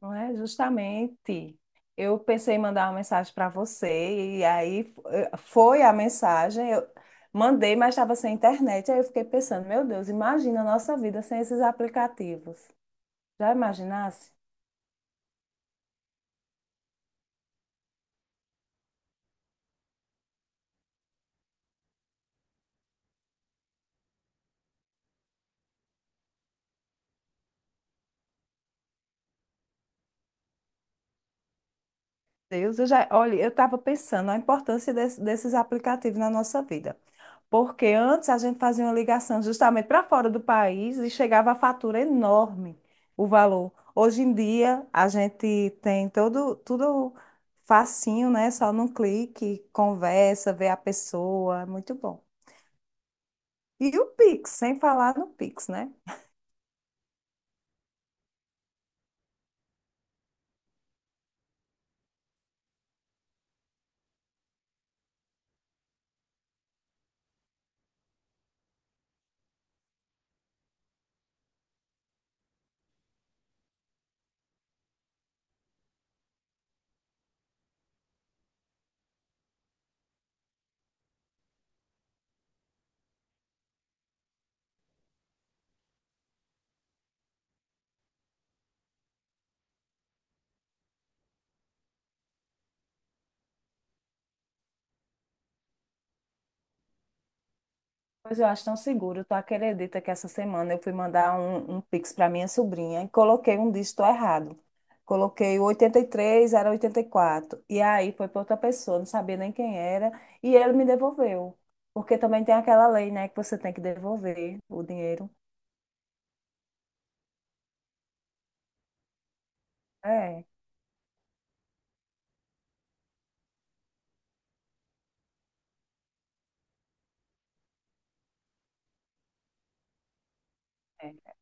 Não é? Justamente. Eu pensei em mandar uma mensagem para você, e aí foi a mensagem. Eu mandei, mas estava sem internet. Aí eu fiquei pensando: meu Deus, imagina a nossa vida sem esses aplicativos. Já imaginasse? Deus, eu já, olha, eu estava pensando a importância desses aplicativos na nossa vida. Porque antes a gente fazia uma ligação justamente para fora do país e chegava a fatura enorme, o valor. Hoje em dia a gente tem todo, tudo facinho, né? Só num clique, conversa, vê a pessoa, é muito bom. E o Pix, sem falar no Pix, né? Pois eu acho tão seguro. Tu acredita que essa semana eu fui mandar um Pix para minha sobrinha e coloquei um dígito errado. Coloquei o 83, era 84, e aí foi para outra pessoa, não sabia nem quem era, e ele me devolveu. Porque também tem aquela lei, né, que você tem que devolver o dinheiro. É. É.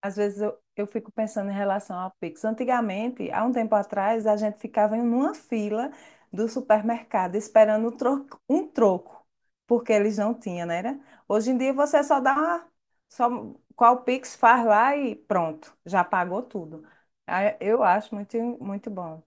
Às vezes eu fico pensando em relação ao Pix. Antigamente, há um tempo atrás, a gente ficava em uma fila do supermercado esperando um troco, porque eles não tinham, né? Era? Hoje em dia você só dá uma, só qual Pix faz lá e pronto, já pagou tudo. Ah, eu acho muito, muito bom.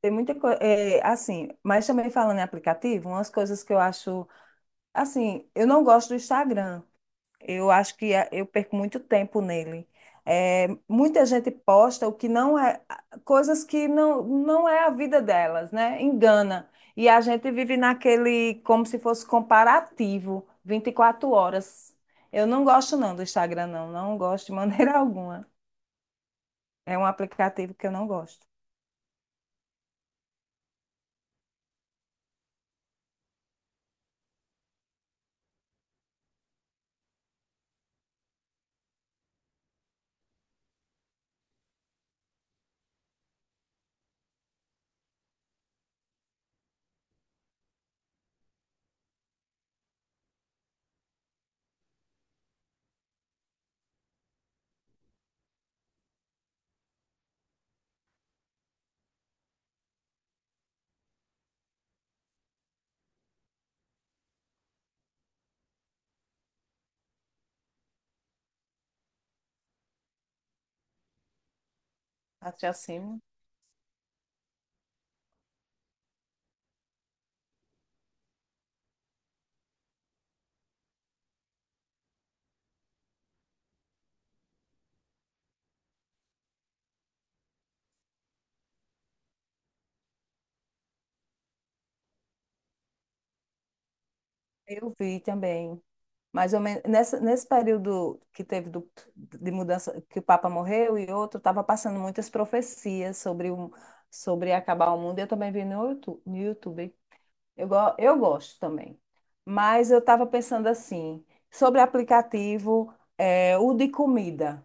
Tem muita coisa, assim, mas também falando em aplicativo, umas coisas que eu acho, assim, eu não gosto do Instagram. Eu acho que eu perco muito tempo nele. É, muita gente posta o que não é, coisas que não, não é a vida delas, né? Engana. E a gente vive naquele, como se fosse comparativo, 24 horas. Eu não gosto não do Instagram, não. Não gosto de maneira alguma. É um aplicativo que eu não gosto. Até assim. Eu vi também. Mais ou menos, nessa, nesse período que teve do, de mudança, que o Papa morreu e outro, estava passando muitas profecias sobre, o, sobre acabar o mundo. Eu também vi no YouTube. No YouTube. Eu gosto também. Mas eu estava pensando assim, sobre aplicativo, é, o de comida.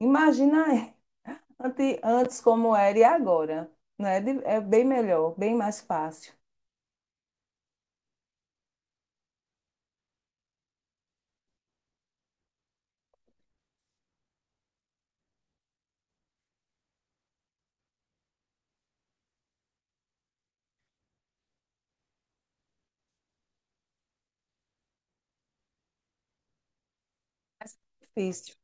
Imagina antes como era e agora. Não é, é bem melhor, bem mais fácil. Mas é difícil.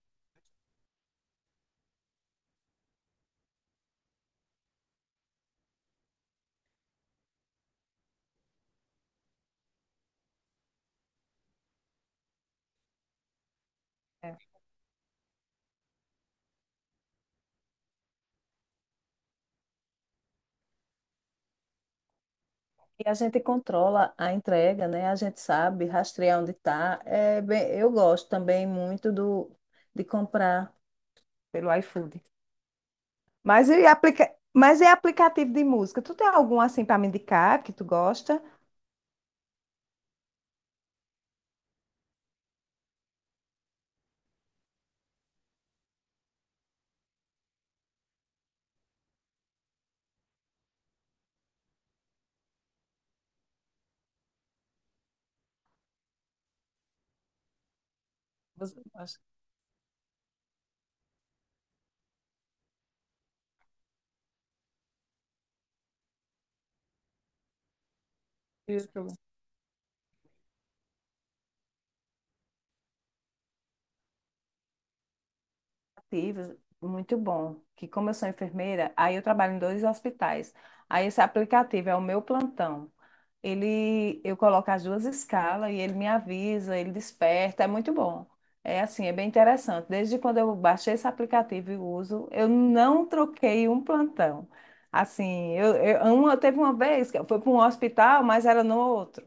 É. E a gente controla a entrega, né? A gente sabe rastrear onde está. É bem, eu gosto também muito do, de comprar pelo iFood. Mas e, mas e aplicativo de música? Tu tem algum assim para me indicar que tu gosta? Você gosta? Isso. Ativos, muito bom. Que como eu sou enfermeira, aí eu trabalho em dois hospitais. Aí esse aplicativo é o meu plantão. Ele, eu coloco as duas escalas e ele me avisa, ele desperta, é muito bom. É assim, é bem interessante. Desde quando eu baixei esse aplicativo e uso, eu não troquei um plantão. Assim, uma, teve uma vez que eu fui para um hospital, mas era no outro.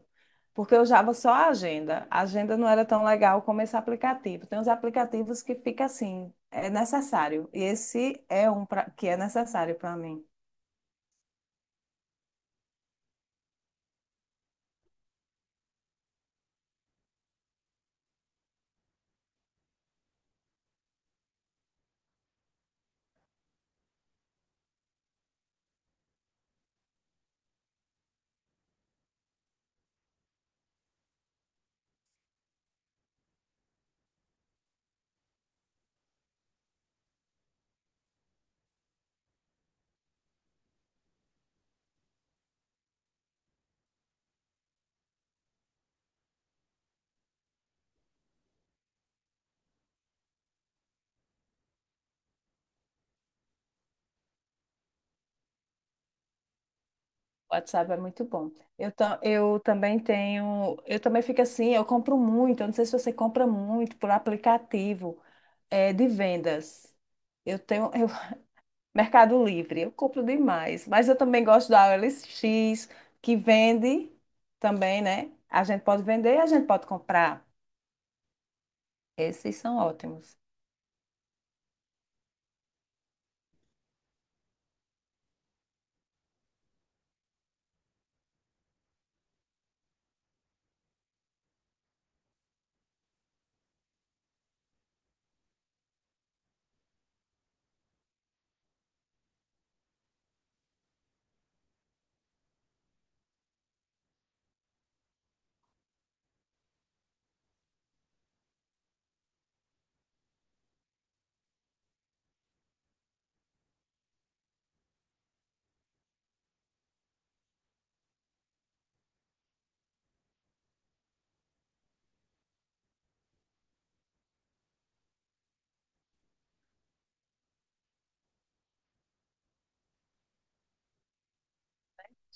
Porque eu usava só a agenda. A agenda não era tão legal como esse aplicativo. Tem uns aplicativos que fica assim, é necessário. E esse é um que é necessário para mim. O WhatsApp é muito bom. Eu também tenho, eu também fico assim, eu compro muito. Eu não sei se você compra muito por aplicativo, é, de vendas. Eu tenho eu- Mercado Livre, eu compro demais. Mas eu também gosto da OLX, que vende também, né? A gente pode vender e a gente pode comprar. Esses são ótimos.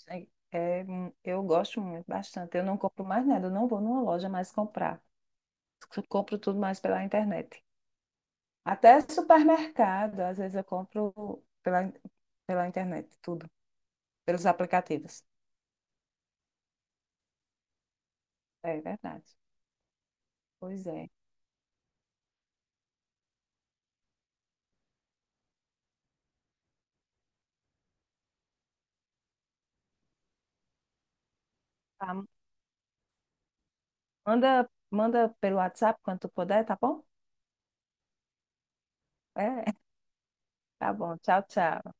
É, é, eu gosto muito, bastante. Eu não compro mais nada, eu não vou numa loja mais comprar. Eu compro tudo mais pela internet. Até supermercado, às vezes eu compro pela, pela internet, tudo, pelos aplicativos. É verdade. Pois é. Tá, manda, manda pelo WhatsApp quando tu puder, tá bom? É, tá bom. Tchau, tchau.